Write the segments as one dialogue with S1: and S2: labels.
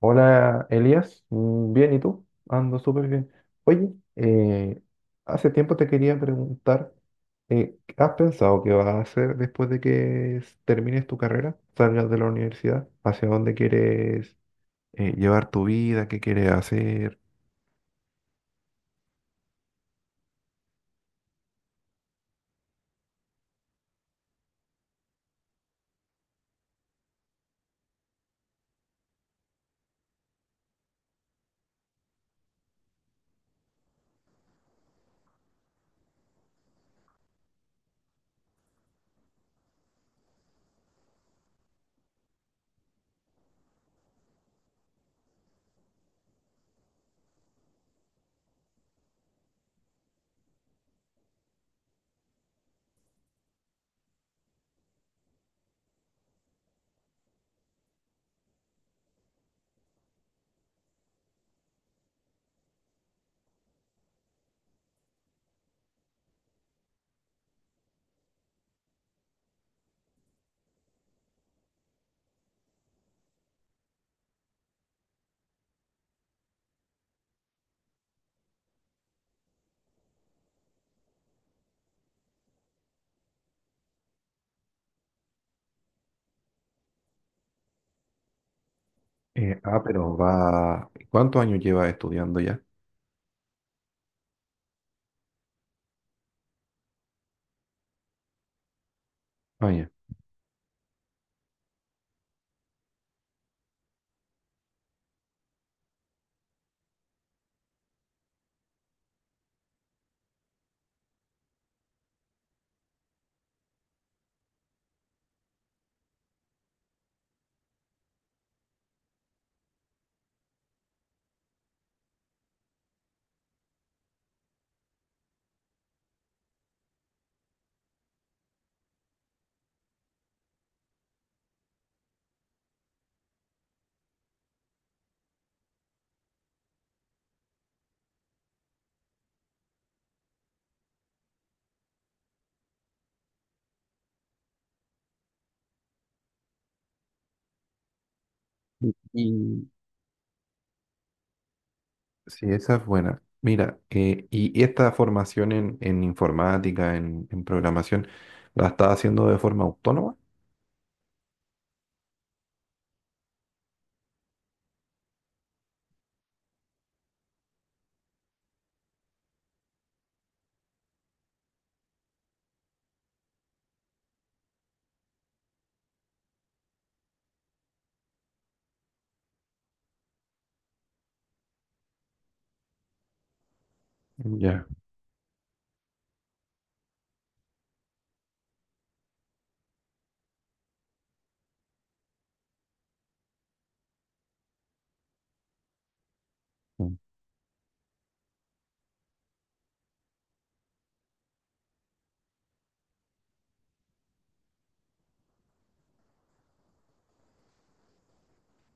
S1: Hola Elías, bien, ¿y tú? Ando súper bien. Oye, hace tiempo te quería preguntar, ¿has pensado qué vas a hacer después de que termines tu carrera, salgas de la universidad? ¿Hacia dónde quieres llevar tu vida? ¿Qué quieres hacer? ¿Cuántos años llevas estudiando ya? Ah, ya. Y, Sí, esa es buena. Mira, y esta formación en informática, en programación, ¿la estás haciendo de forma autónoma? Ya. Mm.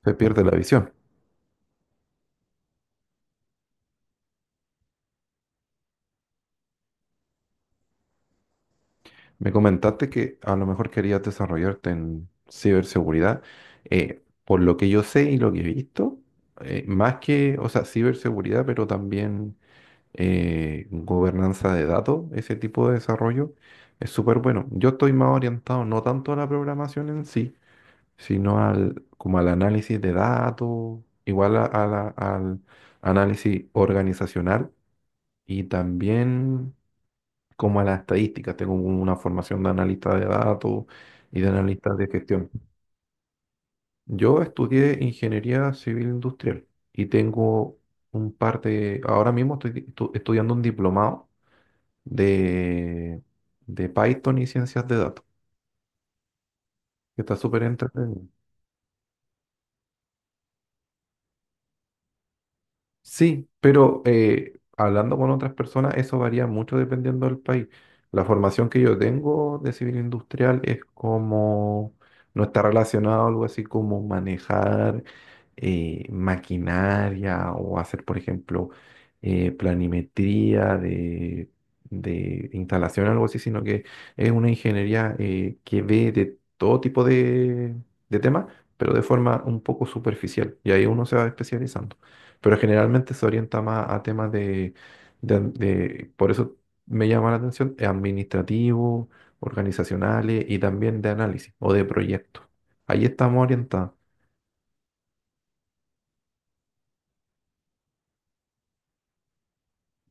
S1: Se pierde la visión. Me comentaste que a lo mejor querías desarrollarte en ciberseguridad. Por lo que yo sé y lo que he visto, más que, o sea, ciberseguridad, pero también gobernanza de datos, ese tipo de desarrollo, es súper bueno. Yo estoy más orientado no tanto a la programación en sí sino como al análisis de datos, igual al análisis organizacional y también como a las estadísticas. Tengo una formación de analista de datos y de analista de gestión. Yo estudié ingeniería civil industrial y tengo un par de, ahora mismo estoy estudiando un diplomado de, de Python y ciencias de datos, que está súper entretenido. Sí, pero hablando con otras personas, eso varía mucho dependiendo del país. La formación que yo tengo de civil industrial es como no está relacionado a algo así como manejar maquinaria o hacer, por ejemplo, planimetría de instalación, algo así, sino que es una ingeniería que ve de todo tipo de temas, pero de forma un poco superficial. Y ahí uno se va especializando, pero generalmente se orienta más a temas por eso me llama la atención, administrativos, organizacionales y también de análisis o de proyectos. Ahí estamos orientados.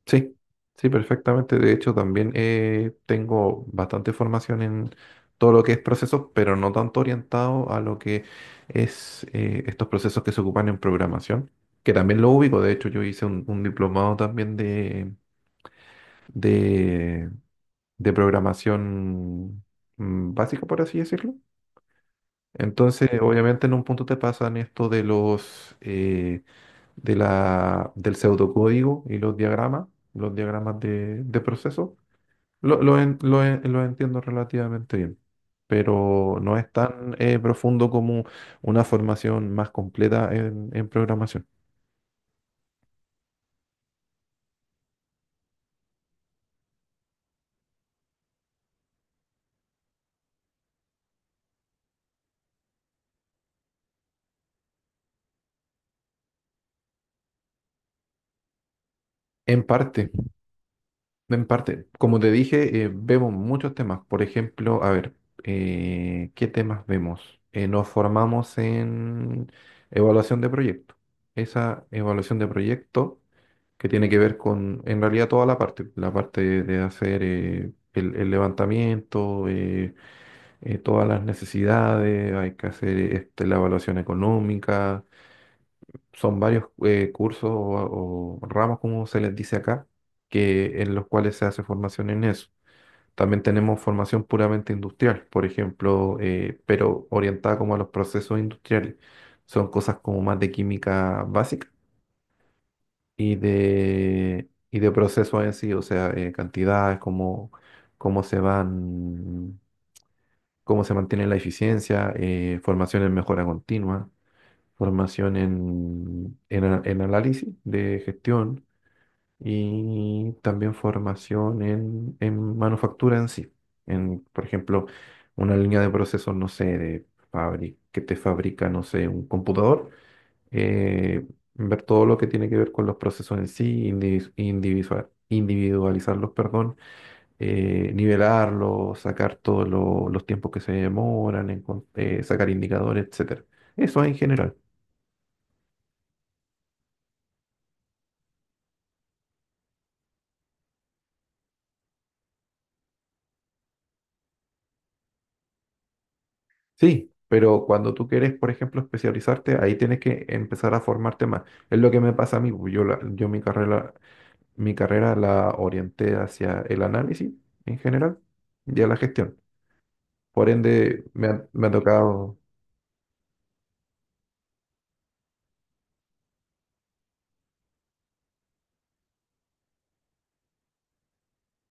S1: Sí, sí, perfectamente. De hecho, también tengo bastante formación en todo lo que es procesos, pero no tanto orientado a lo que es estos procesos que se ocupan en programación, que también lo ubico. De hecho, yo hice un diplomado también de de programación básica, por así decirlo. Entonces, obviamente en un punto te pasan esto de los de la, del pseudocódigo y los diagramas de proceso. Lo entiendo relativamente bien, pero no es tan profundo como una formación más completa en programación. En parte. Como te dije, vemos muchos temas. Por ejemplo, a ver, ¿qué temas vemos? Nos formamos en evaluación de proyecto. Esa evaluación de proyecto que tiene que ver con, en realidad, toda la parte de hacer el levantamiento, todas las necesidades, hay que hacer la evaluación económica. Son varios cursos o ramos, como se les dice acá, en los cuales se hace formación en eso. También tenemos formación puramente industrial, por ejemplo, pero orientada como a los procesos industriales. Son cosas como más de química básica y de procesos en sí, o sea, cantidades, cómo, cómo se van, cómo se mantiene la eficiencia, formación en mejora continua, formación en análisis de gestión y también formación en manufactura en sí. En, por ejemplo, una línea de procesos, no sé, de que te fabrica, no sé, un computador, eh, ver todo lo que tiene que ver con los procesos en sí, individualizarlos, perdón, nivelarlos, sacar todos los tiempos que se demoran, sacar indicadores, etcétera. Eso en general. Sí, pero cuando tú quieres, por ejemplo, especializarte, ahí tienes que empezar a formarte más. Es lo que me pasa a mí. Pues, yo mi carrera la orienté hacia el análisis en general y a la gestión. Por ende, me ha tocado.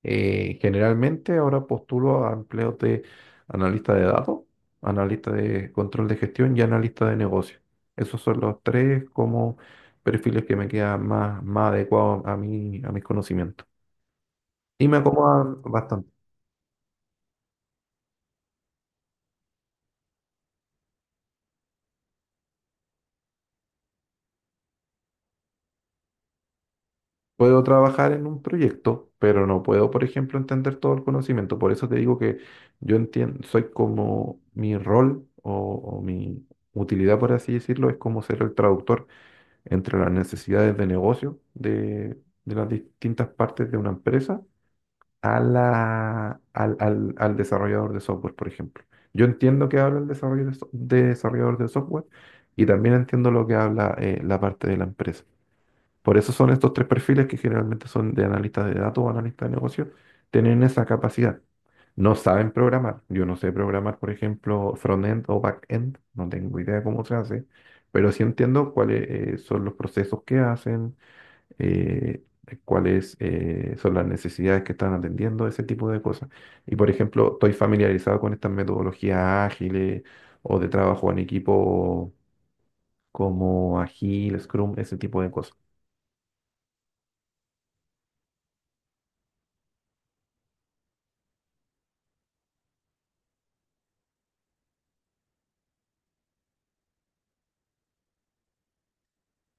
S1: Generalmente ahora postulo a empleos de analista de datos, analista de control de gestión y analista de negocio. Esos son los tres como perfiles que me quedan más, más adecuados a mí, a mis conocimientos. Y me acomoda bastante. Puedo trabajar en un proyecto, pero no puedo, por ejemplo, entender todo el conocimiento. Por eso te digo que yo entiendo, soy como mi rol o mi utilidad, por así decirlo, es como ser el traductor entre las necesidades de negocio de las distintas partes de una empresa a la, al, al, al desarrollador de software, por ejemplo. Yo entiendo que habla el desarrollador de software y también entiendo lo que habla la parte de la empresa. Por eso son estos tres perfiles que generalmente son de analistas de datos o analistas de negocios, tienen esa capacidad. No saben programar. Yo no sé programar, por ejemplo, front-end o back-end. No tengo idea cómo se hace, pero sí entiendo cuáles son los procesos que hacen, eh, cuáles son las necesidades que están atendiendo, ese tipo de cosas. Y, por ejemplo, estoy familiarizado con estas metodologías ágiles o de trabajo en equipo como Agile, Scrum, ese tipo de cosas.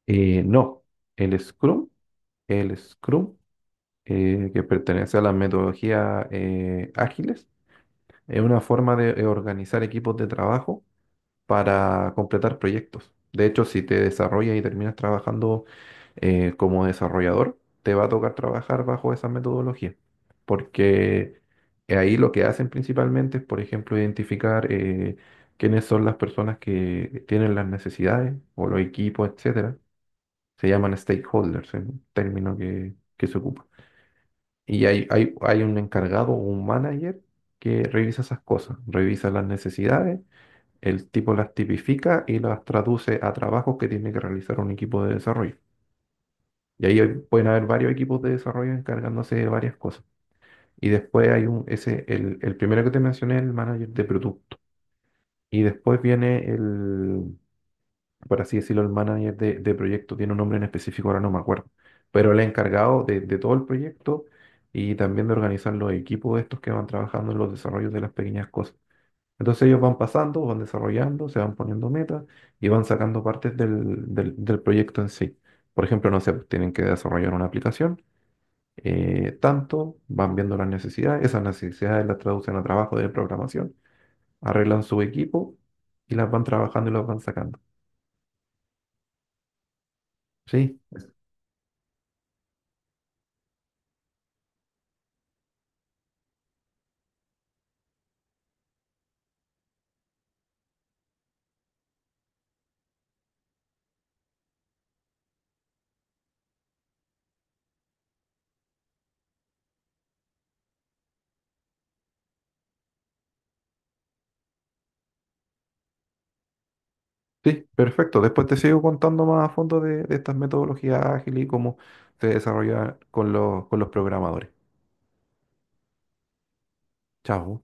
S1: No, el Scrum, el Scrum que pertenece a la metodología ágiles, es una forma de organizar equipos de trabajo para completar proyectos. De hecho, si te desarrollas y terminas trabajando como desarrollador, te va a tocar trabajar bajo esa metodología, porque ahí lo que hacen principalmente es, por ejemplo, identificar quiénes son las personas que tienen las necesidades o los equipos, etcétera. Se llaman stakeholders, es un término que se ocupa. Y hay un encargado o un manager que revisa esas cosas, revisa las necesidades, el tipo las tipifica y las traduce a trabajos que tiene que realizar un equipo de desarrollo. Y ahí pueden haber varios equipos de desarrollo encargándose de varias cosas. Y después hay el primero que te mencioné, el manager de producto. Y después viene el por así decirlo, el manager de proyecto, tiene un nombre en específico, ahora no me acuerdo, pero el encargado de todo el proyecto y también de organizar los equipos estos que van trabajando en los desarrollos de las pequeñas cosas. Entonces ellos van pasando, van desarrollando, se van poniendo metas y van sacando partes del proyecto en sí. Por ejemplo, no sé, pues, tienen que desarrollar una aplicación, tanto, van viendo las necesidades, esas necesidades las traducen a trabajo de programación, arreglan su equipo y las van trabajando y las van sacando. ¿Sí? Sí, perfecto. Después te sigo contando más a fondo de estas metodologías ágiles y cómo se desarrollan con los programadores. Chao.